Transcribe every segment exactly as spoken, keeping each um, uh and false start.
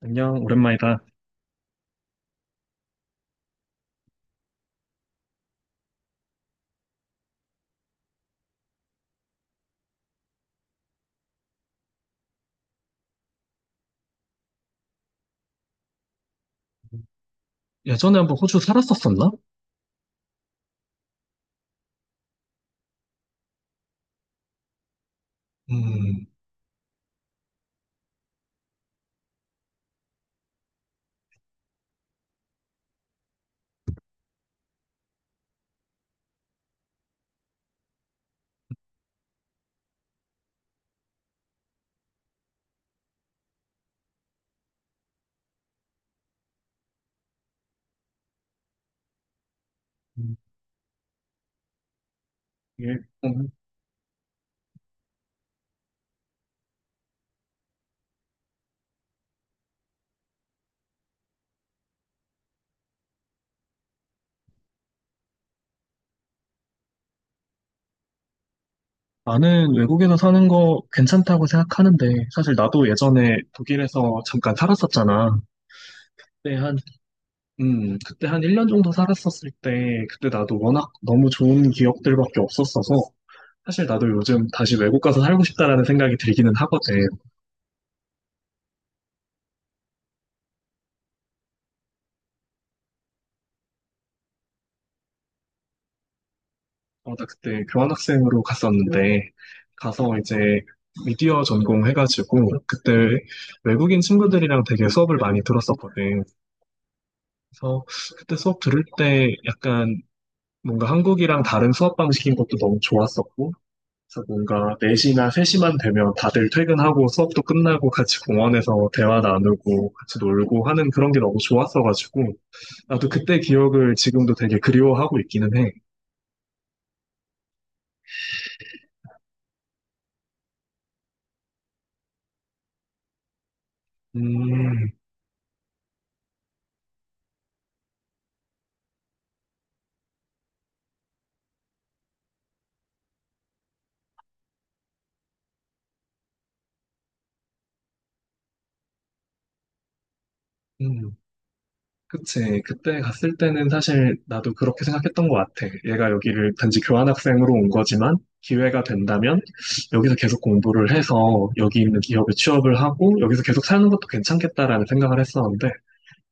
안녕, 오랜만이다. 예전에 한번 호주 살았었었나? 음. 예. 음. 나는 외국에서 사는 거 괜찮다고 생각하는데, 사실 나도 예전에 독일에서 잠깐 살았었잖아. 그때 한, 음, 그때 한 일 년 정도 살았었을 때, 그때 나도 워낙 너무 좋은 기억들밖에 없었어서, 사실 나도 요즘 다시 외국 가서 살고 싶다라는 생각이 들기는 하거든. 어, 나 그때 교환학생으로 갔었는데, 가서 이제 미디어 전공 해가지고, 그때 외국인 친구들이랑 되게 수업을 많이 들었었거든. 그래서 그때 수업 들을 때 약간 뭔가 한국이랑 다른 수업 방식인 것도 너무 좋았었고, 그래서 뭔가 네 시나 세 시만 되면 다들 퇴근하고 수업도 끝나고 같이 공원에서 대화 나누고 같이 놀고 하는 그런 게 너무 좋았어가지고, 나도 그때 기억을 지금도 되게 그리워하고 있기는 해. 음. 음. 그치. 그때 갔을 때는 사실 나도 그렇게 생각했던 것 같아. 얘가 여기를 단지 교환학생으로 온 거지만 기회가 된다면 여기서 계속 공부를 해서 여기 있는 기업에 취업을 하고 여기서 계속 사는 것도 괜찮겠다라는 생각을 했었는데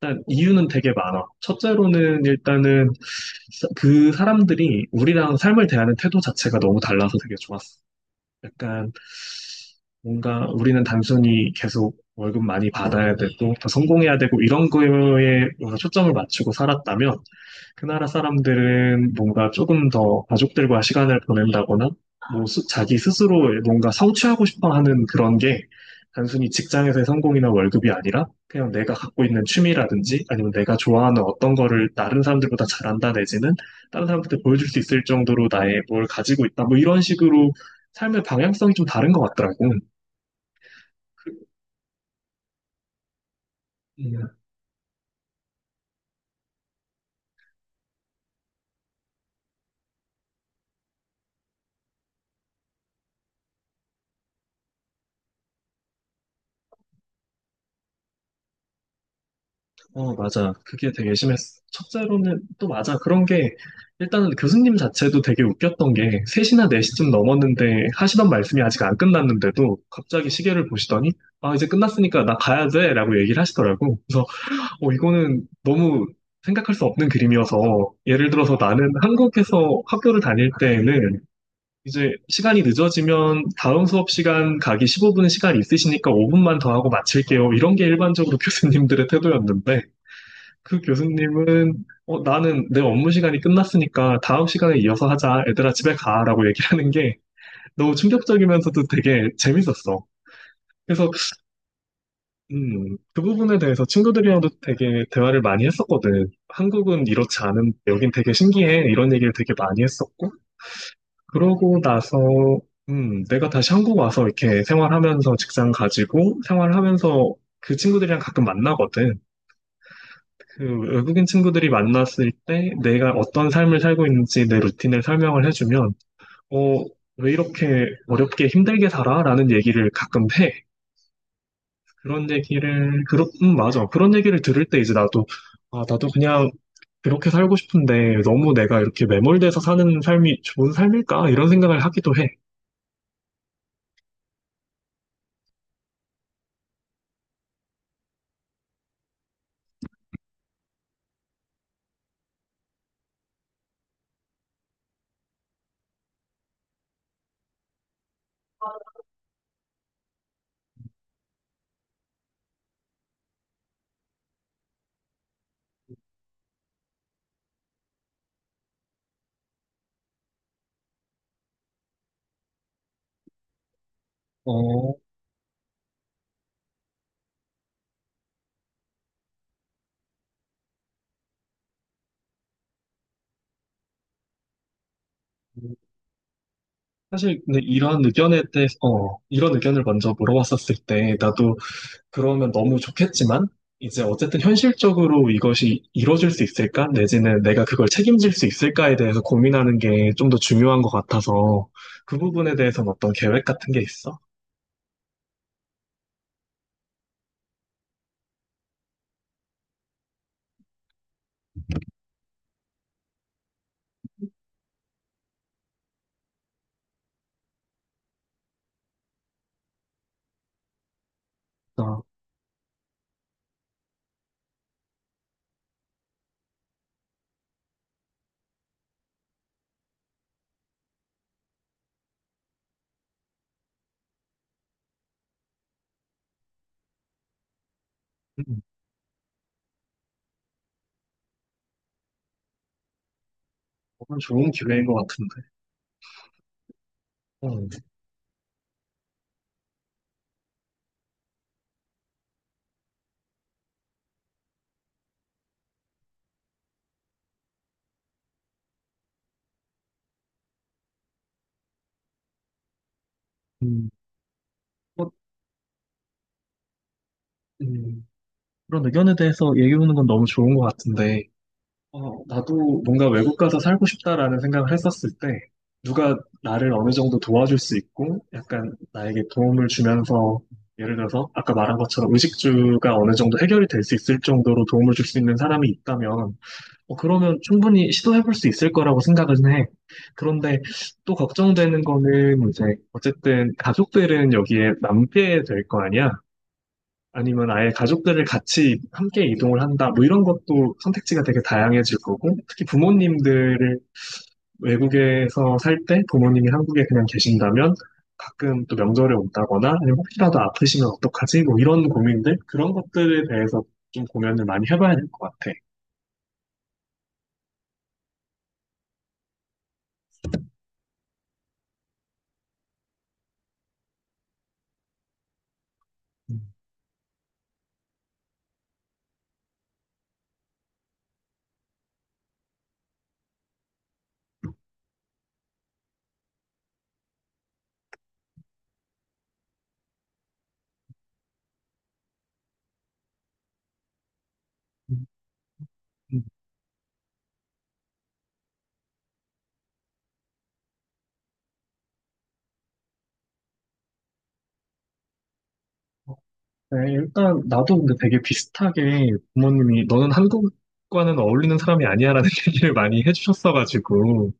일단 이유는 되게 많아. 첫째로는 일단은 사- 그 사람들이 우리랑 삶을 대하는 태도 자체가 너무 달라서 되게 좋았어. 약간 뭔가 우리는 단순히 계속 월급 많이 받아야 되고 더 성공해야 되고 이런 거에 뭔가 초점을 맞추고 살았다면 그 나라 사람들은 뭔가 조금 더 가족들과 시간을 보낸다거나, 뭐, 스- 자기 스스로 뭔가 성취하고 싶어 하는 그런 게 단순히 직장에서의 성공이나 월급이 아니라 그냥 내가 갖고 있는 취미라든지 아니면 내가 좋아하는 어떤 거를 다른 사람들보다 잘한다 내지는 다른 사람한테 보여줄 수 있을 정도로 나의 뭘 가지고 있다. 뭐 이런 식으로 삶의 방향성이 좀 다른 것 같더라고. 음. 어, 맞아. 그게 되게 심했어. 첫째로는 또 맞아. 그런 게 일단은 교수님 자체도 되게 웃겼던 게 세 시나 네 시쯤 넘었는데 하시던 말씀이 아직 안 끝났는데도 갑자기 시계를 보시더니 아, 이제 끝났으니까 나 가야 돼 라고 얘기를 하시더라고. 그래서 어, 이거는 너무 생각할 수 없는 그림이어서 예를 들어서 나는 한국에서 학교를 다닐 때에는 이제 시간이 늦어지면 다음 수업 시간 가기 십오 분 시간 있으시니까 오 분만 더 하고 마칠게요. 이런 게 일반적으로 교수님들의 태도였는데 그 교수님은 어, 나는 내 업무 시간이 끝났으니까 다음 시간에 이어서 하자. 얘들아 집에 가라고 얘기하는 게 너무 충격적이면서도 되게 재밌었어. 그래서 음, 그 부분에 대해서 친구들이랑도 되게 대화를 많이 했었거든. 한국은 이렇지 않은 여긴 되게 신기해. 이런 얘기를 되게 많이 했었고 그러고 나서 음, 내가 다시 한국 와서 이렇게 생활하면서 직장 가지고 생활하면서 그 친구들이랑 가끔 만나거든. 그 외국인 친구들이 만났을 때 내가 어떤 삶을 살고 있는지 내 루틴을 설명을 해주면, 어, 왜 이렇게 어렵게 힘들게 살아? 라는 얘기를 가끔 해. 그런 얘기를, 그렇, 음, 맞아. 그런 얘기를 들을 때 이제 나도, 아, 나도 그냥 그렇게 살고 싶은데 너무 내가 이렇게 매몰돼서 사는 삶이 좋은 삶일까? 이런 생각을 하기도 해. 어, 사실 근데 이런 의견에 대해서, 어, 이런 의견을 먼저 물어봤었을 때 나도 그러면 너무 좋겠지만, 이제 어쨌든 현실적으로 이것이 이뤄질 수 있을까? 내지는 내가 그걸 책임질 수 있을까에 대해서 고민하는 게 좀 더 중요한 것 같아서, 그 부분에 대해서는 어떤 계획 같은 게 있어? 아, 음, 그건 좋은 기회인 것 같은데. 어, 음, 뭐, 음, 그런 의견에 대해서 얘기해보는 건 너무 좋은 것 같은데, 어, 나도 뭔가 외국 가서 살고 싶다라는 생각을 했었을 때, 누가 나를 어느 정도 도와줄 수 있고, 약간 나에게 도움을 주면서, 예를 들어서, 아까 말한 것처럼 의식주가 어느 정도 해결이 될 수 있을 정도로 도움을 줄 수 있는 사람이 있다면, 어, 그러면 충분히 시도해볼 수 있을 거라고 생각은 해. 그런데 또 걱정되는 거는 이제, 어쨌든 가족들은 여기에 남게 될 거 아니야? 아니면 아예 가족들을 같이 함께 이동을 한다. 뭐 이런 것도 선택지가 되게 다양해질 거고, 특히 부모님들을 외국에서 살 때 부모님이 한국에 그냥 계신다면 가끔 또 명절에 온다거나 아니면 혹시라도 아프시면 어떡하지? 뭐 이런 고민들, 그런 것들에 대해서 좀 고민을 많이 해봐야 될 것 같아. 음. 음. 음. 네, 일단 나도 근데 되게 비슷하게 부모님이 너는 한국과는 어울리는 사람이 아니야라는 얘기를 많이 해주셨어가지고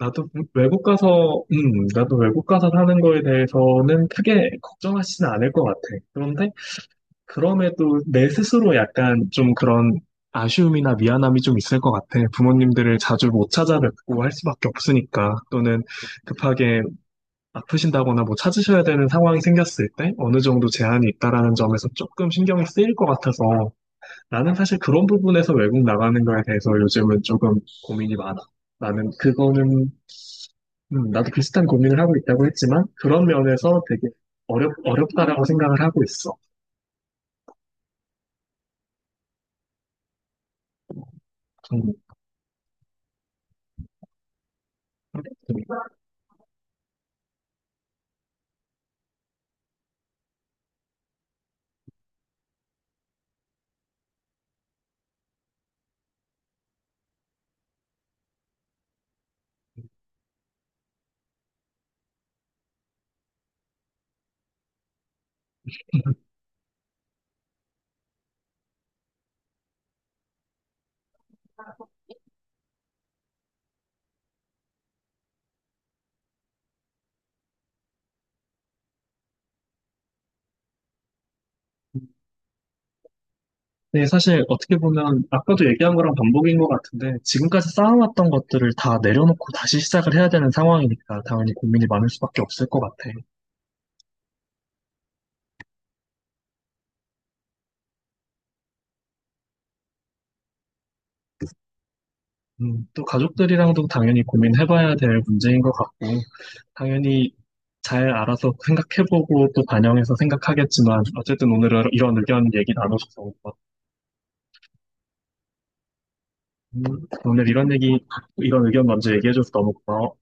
나도 외국 가서, 음, 나도 외국 가서 사는 거에 대해서는 크게 걱정하지는 않을 것 같아. 그런데 그럼에도 내 스스로 약간 좀 그런 아쉬움이나 미안함이 좀 있을 것 같아. 부모님들을 자주 못 찾아뵙고 할 수밖에 없으니까. 또는 급하게 아프신다거나 뭐 찾으셔야 되는 상황이 생겼을 때 어느 정도 제한이 있다라는 점에서 조금 신경이 쓰일 것 같아서 나는 사실 그런 부분에서 외국 나가는 거에 대해서 요즘은 조금 고민이 많아. 나는 그거는, 음, 나도 비슷한 고민을 하고 있다고 했지만, 그런 면에서 되게 어렵, 어렵다라고 생각을 하고 있어. 음. 네, 사실 어떻게 보면 아까도 얘기한 거랑 반복인 것 같은데 지금까지 쌓아왔던 것들을 다 내려놓고 다시 시작을 해야 되는 상황이니까 당연히 고민이 많을 수밖에 없을 것 같아. 음, 또 가족들이랑도 당연히 고민해봐야 될 문제인 것 같고 당연히 잘 알아서 생각해보고 또 반영해서 생각하겠지만 어쨌든 오늘 이런 의견 얘기 나눠줘서 고마워. 음, 오늘 이런 얘기 이런 의견 먼저 얘기해줘서 너무 고마워.